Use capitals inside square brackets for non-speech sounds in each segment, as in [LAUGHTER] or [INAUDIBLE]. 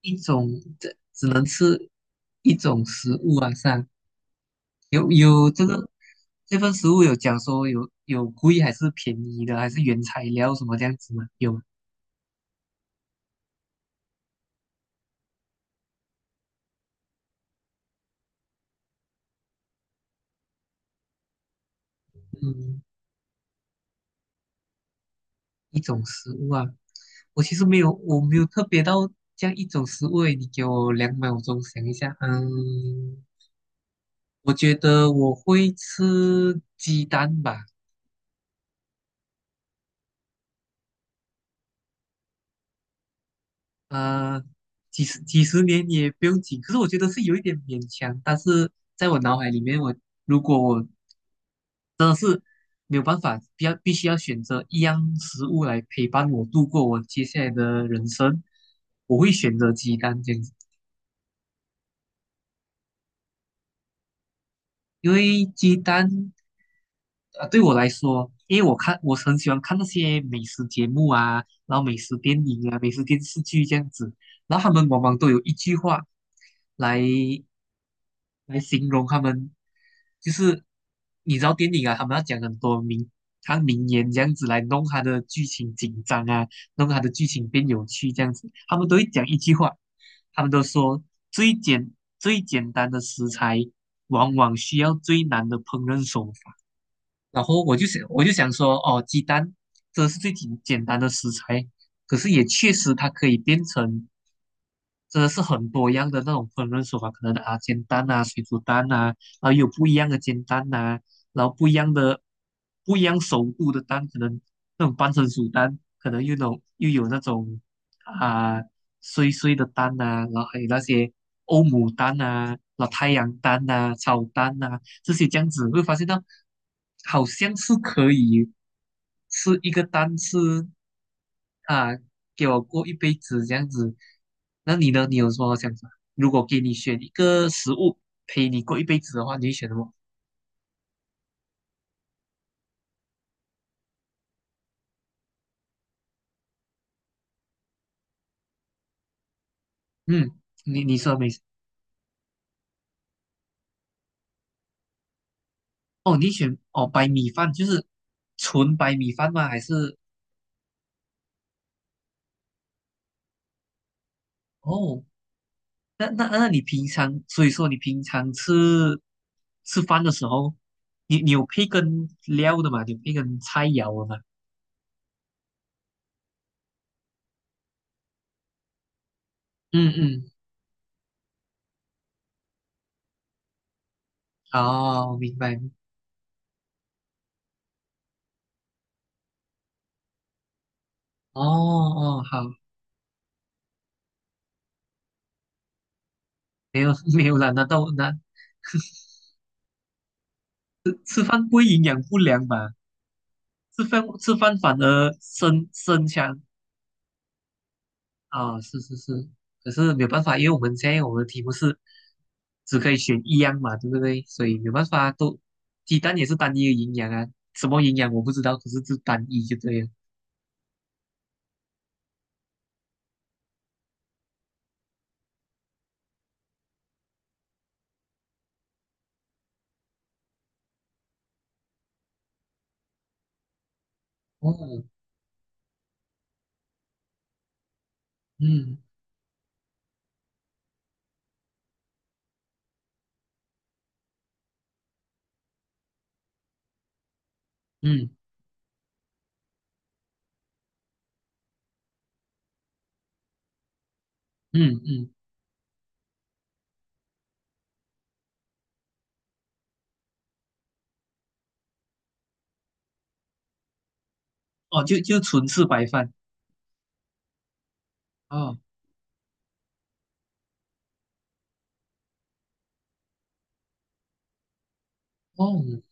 一种只能吃一种食物啊，上有这个这份食物有讲说有贵还是便宜的，还是原材料什么这样子吗？有吗嗯，一种食物啊，我其实没有，我没有特别到这样一种食物诶，你给我2秒钟想一下，嗯，我觉得我会吃鸡蛋吧。呃，几十年也不用紧，可是我觉得是有一点勉强。但是在我脑海里面，如果我没有办法，必须要选择一样食物来陪伴我度过我接下来的人生，我会选择鸡蛋这样子，因为鸡蛋对我来说，因为我很喜欢看那些美食节目啊，然后美食电影啊、美食电视剧这样子，然后他们往往都有一句话来。来形容他们，就是你知道电影啊，他们要讲很多名，他名言这样子来弄他的剧情紧张啊，弄他的剧情变有趣这样子，他们都会讲一句话，他们都说最简最简单的食材，往往需要最难的烹饪手法。然后我就想说，哦，鸡蛋这是最简单的食材，可是也确实它可以变成真的是很多样的那种烹饪手法，可能啊煎蛋啊、水煮蛋啊，然后有不一样的煎蛋呐、然后不一样熟度的蛋，可能那种半成熟蛋，可能又有那种啊碎碎的蛋呐、然后还有那些欧姆蛋呐、老太阳蛋呐、炒蛋呐、这些这样子，会发现到好像是可以吃一个蛋是。啊，给我过一辈子这样子。那你呢？你有什么想法？如果给你选一个食物陪你过一辈子的话，你会选什么？嗯，你说没？哦，你选哦白米饭，就是纯白米饭吗？还是哦？那你平常，所以说你平常吃饭的时候，你有配跟料的吗？你有配跟菜肴的吗？嗯嗯，哦，明白。哦哦，好，没有 [LAUGHS] 没有啦，那都那吃饭不会营养不良吧？吃饭吃饭反而生强啊，是是是，可是没有办法，因为我们现在我们的题目是只可以选一样嘛，对不对？所以没有办法，都鸡蛋也是单一的营养啊，什么营养我不知道，可是就单一就对了。哦，嗯嗯嗯嗯，哦，就纯吃白饭。哦哦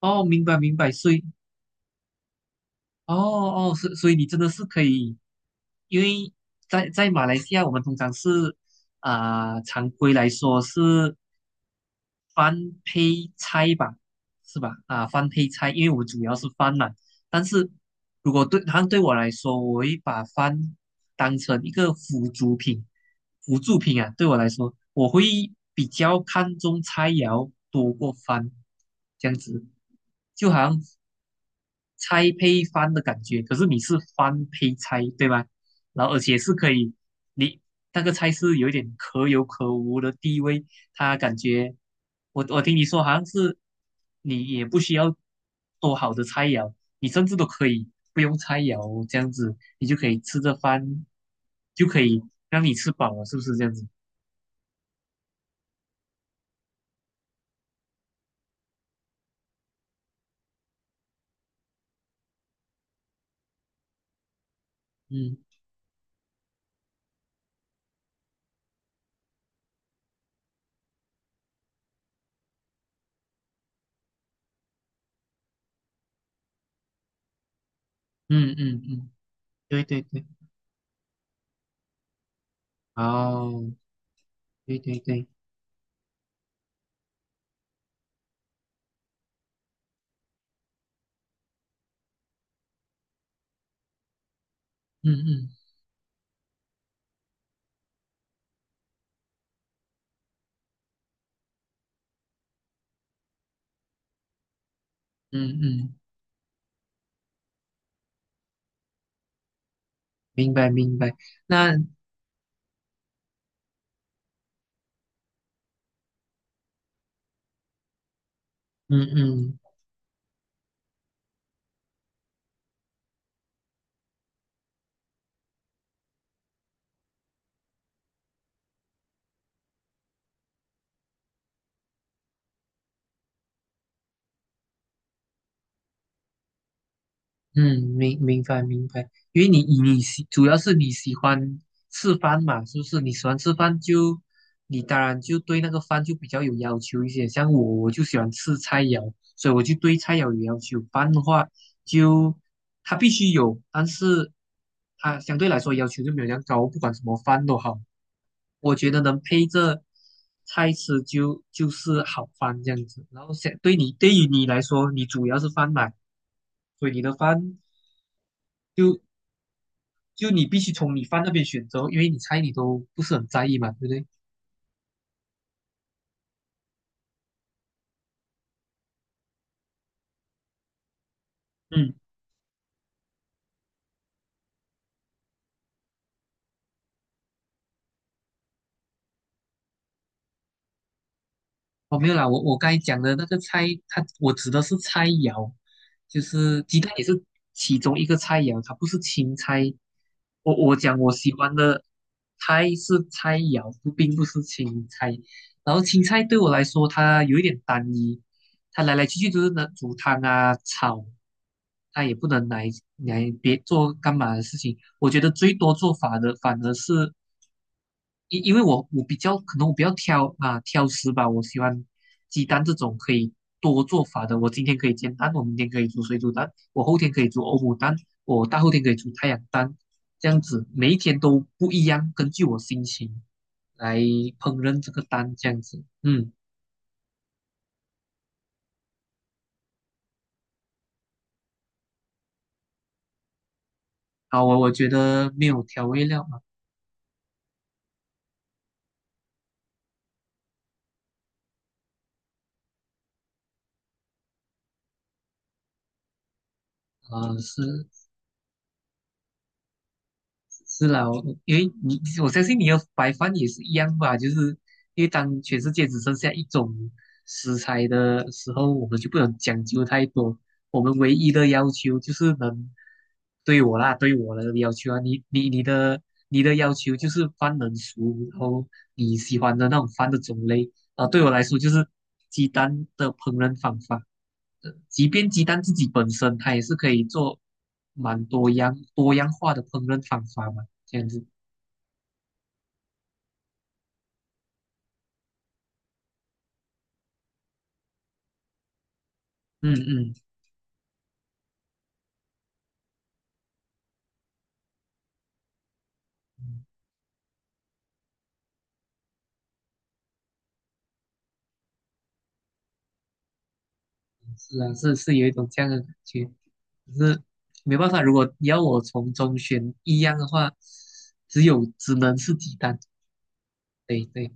哦，明白明白，所以哦哦，所以你真的是可以，因为在马来西亚，我们通常是啊、常规来说是翻配菜吧，是吧？啊，翻配菜，因为我主要是翻嘛。但是如果对我来说，我会把翻当成一个辅助品，辅助品啊，对我来说，我会比较看重菜肴多过翻，这样子。就好像拆配饭的感觉，可是你是饭配菜，对吗？然后而且是可以，你那个菜是有一点可有可无的地位，他感觉我听你说好像是你也不需要多好的菜肴，你甚至都可以不用菜肴这样子，你就可以吃着饭就可以让你吃饱了，是不是这样子？嗯嗯嗯嗯，对对对，哦，对对对，嗯嗯嗯嗯，明白明白。那嗯嗯嗯，明白明白，因为你你喜主要是你喜欢吃饭嘛，是不是？你喜欢吃饭就，你当然就对那个饭就比较有要求一些。像我，我就喜欢吃菜肴，所以我就对菜肴有要求。饭的话，就它必须有，但是它相对来说要求就没有那样高，不管什么饭都好，我觉得能配着菜吃就是好饭这样子。然后想对你对于你来说，你主要是饭嘛，所以你的饭就就你必须从你饭那边选择，因为你菜你都不是很在意嘛，对不对？嗯。哦，没有啦，我刚才讲的那个菜，我指的是菜肴，就是鸡蛋也是其中一个菜肴，它不是青菜。我讲我喜欢的菜是菜肴，不并不是青菜。然后青菜对我来说，它有一点单一，它来来去去就是能煮汤啊、炒，它也不能来别做干嘛的事情。我觉得最多做法的反而是因为我我比较可能我比较挑啊挑食吧，我喜欢鸡蛋这种可以多做法的。我今天可以煎蛋，我明天可以煮水煮蛋，我后天可以煮欧姆蛋，我大后天可以煮太阳蛋，这样子每一天都不一样，根据我心情来烹饪这个蛋，这样子。嗯，好，我觉得没有调味料嘛，是是啦，我相信你要白饭也是一样吧，就是因为当全世界只剩下一种食材的时候，我们就不能讲究太多。我们唯一的要求就是能对我啦，对我的要求啊，你的要求就是饭能熟，然后你喜欢的那种饭的种类啊，对我来说就是鸡蛋的烹饪方法。即便鸡蛋自己本身，它也是可以做蛮多样化的烹饪方法嘛，这样子。嗯嗯，嗯嗯是啊，是是有一种这样的感觉，可是没办法，如果你要我从中选一样的话，只能是鸡蛋。对对，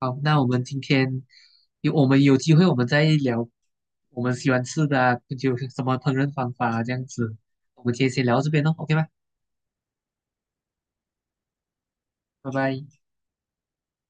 好，那我们有机会，我们再聊我们喜欢吃的啊，就什么烹饪方法啊，这样子。我们今天先聊到这边咯，OK 吧，拜拜。